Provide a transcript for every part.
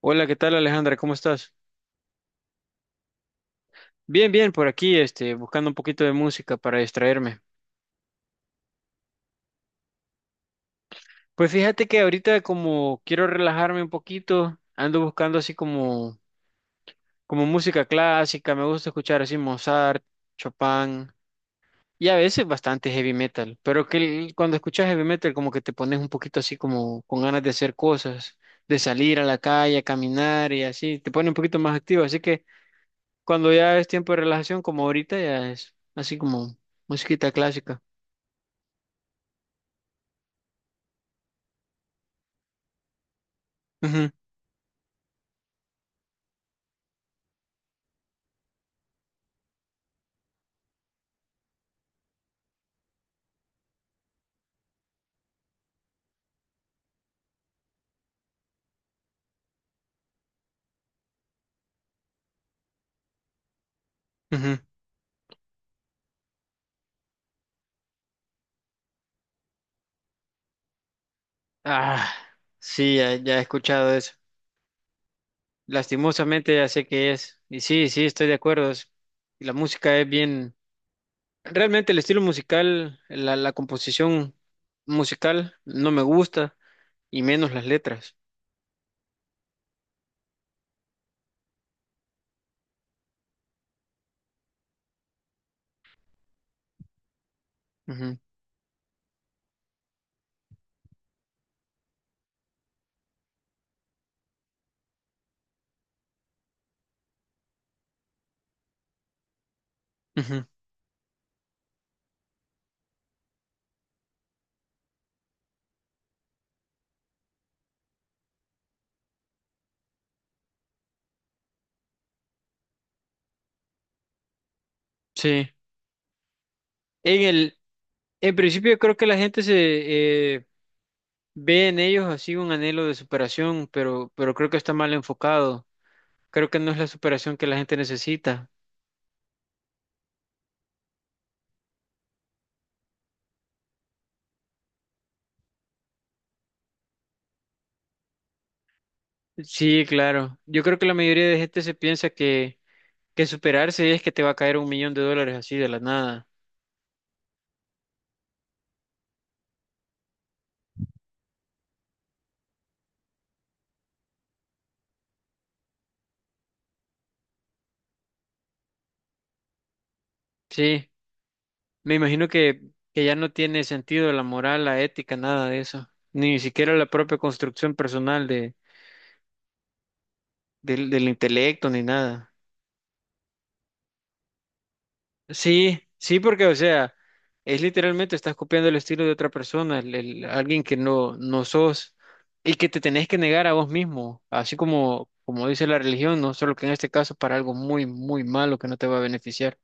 Hola, ¿qué tal Alejandra? ¿Cómo estás? Bien, bien, por aquí, buscando un poquito de música para distraerme. Pues fíjate que ahorita como quiero relajarme un poquito, ando buscando así como música clásica, me gusta escuchar así Mozart, Chopin y a veces bastante heavy metal, pero cuando escuchas heavy metal como que te pones un poquito así como con ganas de hacer cosas, de salir a la calle, a caminar y así, te pone un poquito más activo, así que cuando ya es tiempo de relajación como ahorita ya es así como musiquita clásica. Ujú, ujú. Ah, sí, ya, ya he escuchado eso. Lastimosamente ya sé qué es. Y sí, sí, estoy de acuerdo. La música es bien. Realmente el estilo musical, la composición musical no me gusta y menos las letras. Ujú, ujú. Sí. En el, en principio creo que la gente se eh, ve en ellos así un anhelo de superación, pero creo que está mal enfocado. Creo que no es la superación que la gente necesita. Sí, claro. Yo creo que la mayoría de gente se piensa que superarse es que te va a caer un millón de dólares así de la nada. Sí, me imagino que ya no tiene sentido la moral, la ética, nada de eso. Ni siquiera la propia construcción personal del intelecto, ni nada. Sí, sí, porque, o sea, es literalmente estás copiando el estilo de otra persona, alguien que no, no sos y que te tenés que negar a vos mismo, así como, como dice la religión, no solo que en este caso para algo muy, muy malo que no te va a beneficiar.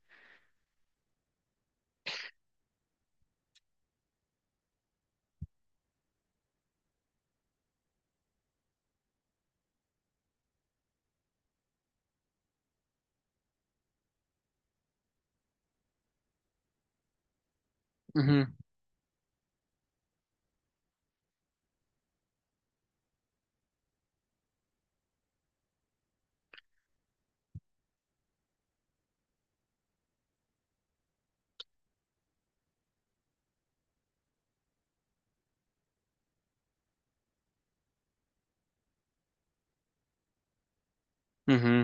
Ujú, ujú.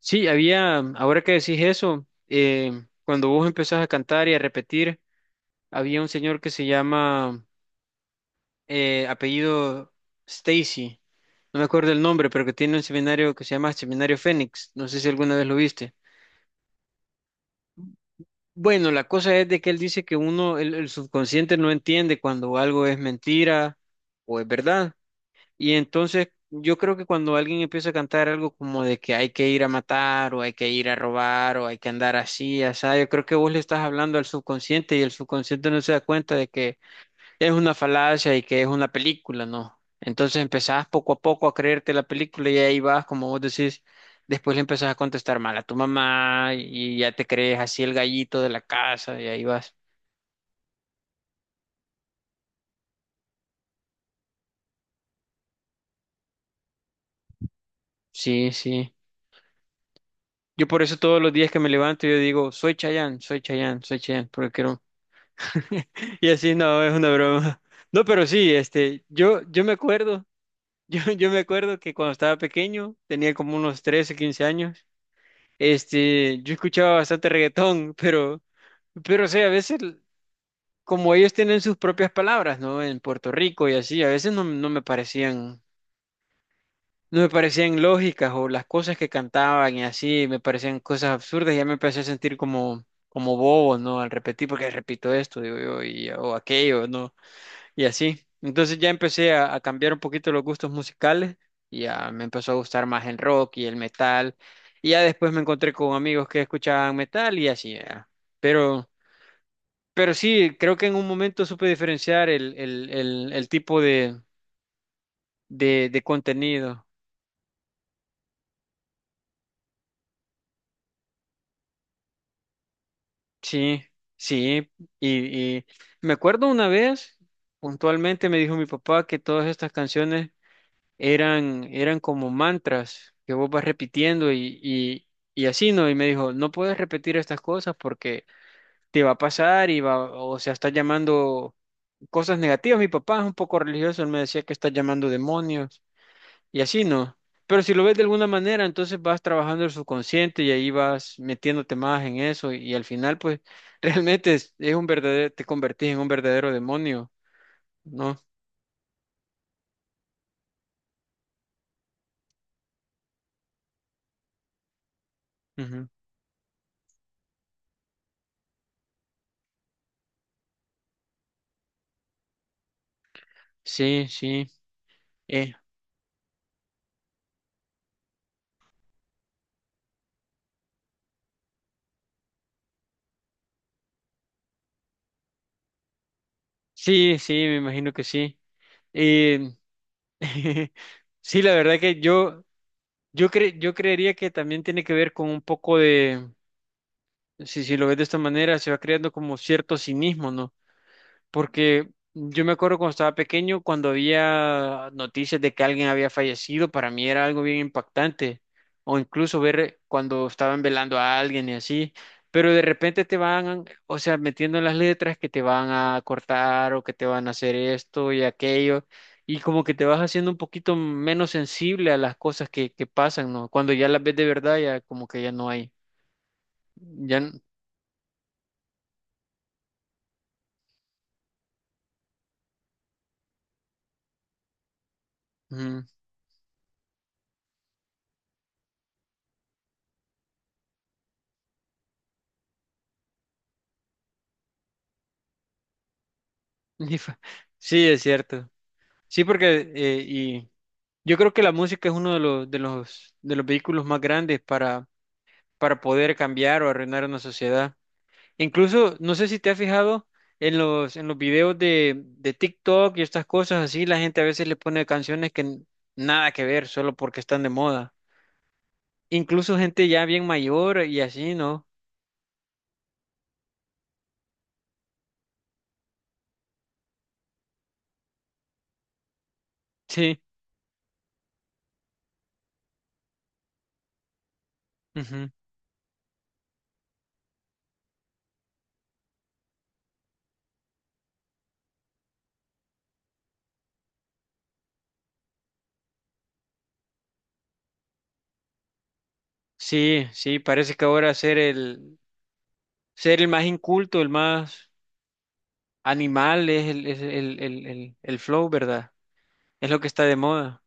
Sí, había, ahora que decís eso, cuando vos empezás a cantar y a repetir, había un señor que se llama apellido Stacy, no me acuerdo el nombre, pero que tiene un seminario que se llama Seminario Fénix, no sé si alguna vez lo viste. Bueno, la cosa es de que él dice que uno, el subconsciente no entiende cuando algo es mentira o es verdad. Y entonces yo creo que cuando alguien empieza a cantar algo como de que hay que ir a matar o hay que ir a robar o hay que andar así, así, yo creo que vos le estás hablando al subconsciente y el subconsciente no se da cuenta de que es una falacia y que es una película, ¿no? Entonces empezás poco a poco a creerte la película y ahí vas, como vos decís, después le empezás a contestar mal a tu mamá y ya te crees así el gallito de la casa y ahí vas. Sí, sí. Yo por eso todos los días que me levanto yo digo, soy Chayanne, soy Chayanne, soy Chayanne, porque quiero. Y así no, es una broma. No, pero sí, yo, me acuerdo, yo, me acuerdo que cuando estaba pequeño, tenía como unos 13, 15 años. Yo escuchaba bastante reggaetón, pero, o sea, a veces, como ellos tienen sus propias palabras, ¿no? En Puerto Rico y así, a veces no, no me parecían, lógicas o las cosas que cantaban y así, me parecían cosas absurdas y ya me empecé a sentir como bobo, ¿no? Al repetir, porque repito esto, digo yo, y, o aquello, ¿no? Y así. Entonces ya empecé a cambiar un poquito los gustos musicales. Y ya me empezó a gustar más el rock y el metal. Y ya después me encontré con amigos que escuchaban metal y así. Ya. Pero, pero sí, creo que en un momento supe diferenciar el tipo de contenido. Sí, sí. Y me acuerdo una vez, puntualmente me dijo mi papá que todas estas canciones eran como mantras que vos vas repitiendo y así, ¿no? Y me dijo, no puedes repetir estas cosas porque te va a pasar o sea, estás llamando cosas negativas. Mi papá es un poco religioso, él me decía que estás llamando demonios y así, ¿no? Pero si lo ves de alguna manera, entonces vas trabajando el subconsciente y ahí vas metiéndote más en eso y, al final, pues, realmente es un verdadero, te convertís en un verdadero demonio, ¿no? Ujú. Sí, sí. Eh, sí, sí, me imagino que sí. Eh, sí, la verdad que yo, yo creería que también tiene que ver con un poco de, si, lo ves de esta manera, se va creando como cierto cinismo, ¿no? Porque yo me acuerdo cuando estaba pequeño, cuando había noticias de que alguien había fallecido, para mí era algo bien impactante. O incluso ver cuando estaban velando a alguien y así. Pero de repente te van, o sea, metiendo en las letras que te van a cortar o que te van a hacer esto y aquello. Y como que te vas haciendo un poquito menos sensible a las cosas que pasan, ¿no? Cuando ya las ves de verdad, ya como que ya no hay. Ya. Ujú. Sí, es cierto. Sí, porque yo creo que la música es uno de los vehículos más grandes para poder cambiar o arruinar una sociedad. Incluso, no sé si te has fijado en los videos de TikTok y estas cosas así, la gente a veces le pone canciones nada que ver, solo porque están de moda. Incluso gente ya bien mayor y así, ¿no? Sí, ujú. Sí, sí, parece que ahora ser el más inculto, el más animal es el flow, ¿verdad? Es lo que está de moda.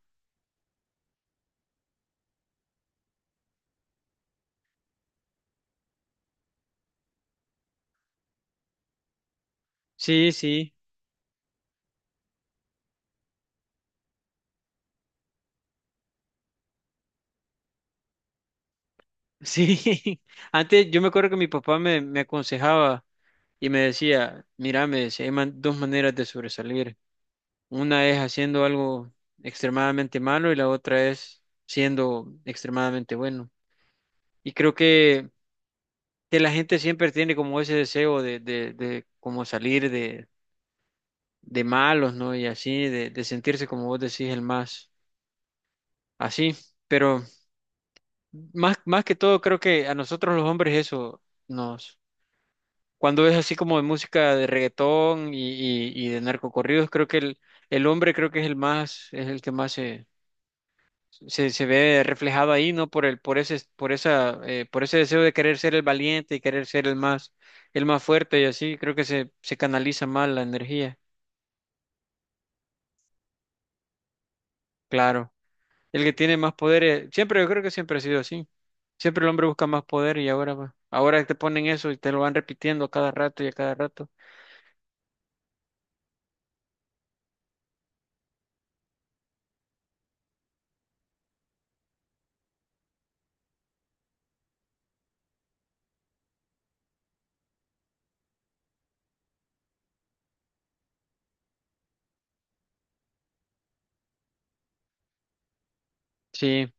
Sí, sí, sí. Antes yo me acuerdo que mi papá me aconsejaba y me decía, mira, me decía, hay dos maneras de sobresalir. Una es haciendo algo extremadamente malo y la otra es siendo extremadamente bueno. Y creo que la gente siempre tiene como ese deseo de como salir de malos, ¿no? Y así, de sentirse como vos decís, el más así. Pero más que todo creo que a nosotros los hombres eso nos. Cuando es así como de música de reggaetón y de narcocorridos, creo que el hombre creo que es el más, es el que más se ve reflejado ahí, ¿no? Por el, por ese, por esa, por ese deseo de querer ser el valiente y querer ser el más, fuerte y así, creo que se canaliza más la energía, claro. El que tiene más poder, siempre, yo creo que siempre ha sido así. Siempre el hombre busca más poder y ahora, ahora te ponen eso y te lo van repitiendo a cada rato y a cada rato. Sí.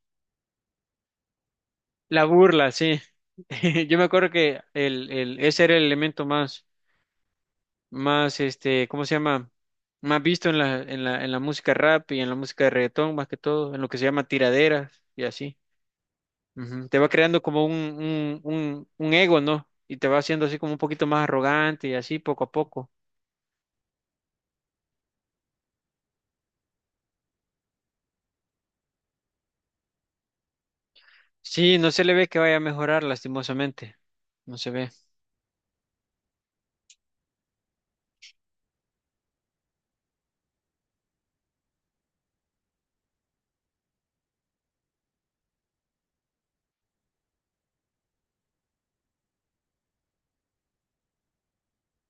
La burla, sí. Yo me acuerdo que ese era el elemento más, ¿cómo se llama? Más visto en la música rap y en la música de reggaetón, más que todo, en lo que se llama tiraderas y así. Ujú. Te va creando como un ego, ¿no? Y te va haciendo así como un poquito más arrogante y así poco a poco. Sí, no se le ve que vaya a mejorar, lastimosamente. No se ve.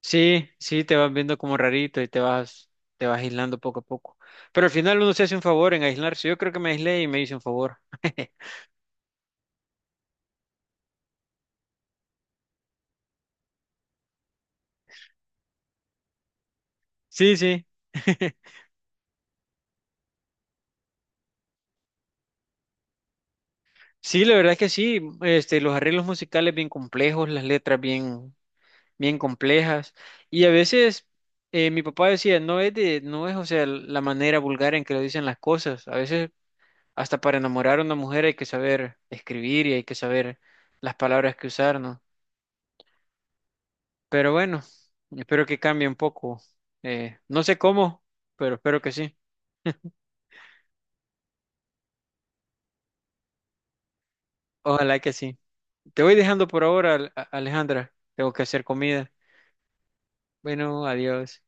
Sí, sí, te vas viendo como rarito y te vas aislando poco a poco. Pero al final uno se hace un favor en aislarse. Yo creo que me aislé y me hice un favor. Sí, sí. Sí, la verdad es que sí. Los arreglos musicales bien complejos, las letras bien, bien complejas. Y a veces mi papá decía, no es de, no es, o sea, la manera vulgar en que lo dicen las cosas. A veces hasta para enamorar a una mujer hay que saber escribir y hay que saber las palabras que usar, ¿no? Pero bueno, espero que cambie un poco. No sé cómo, pero espero que sí. Ojalá que sí. Te voy dejando por ahora, Alejandra. Tengo que hacer comida. Bueno, adiós.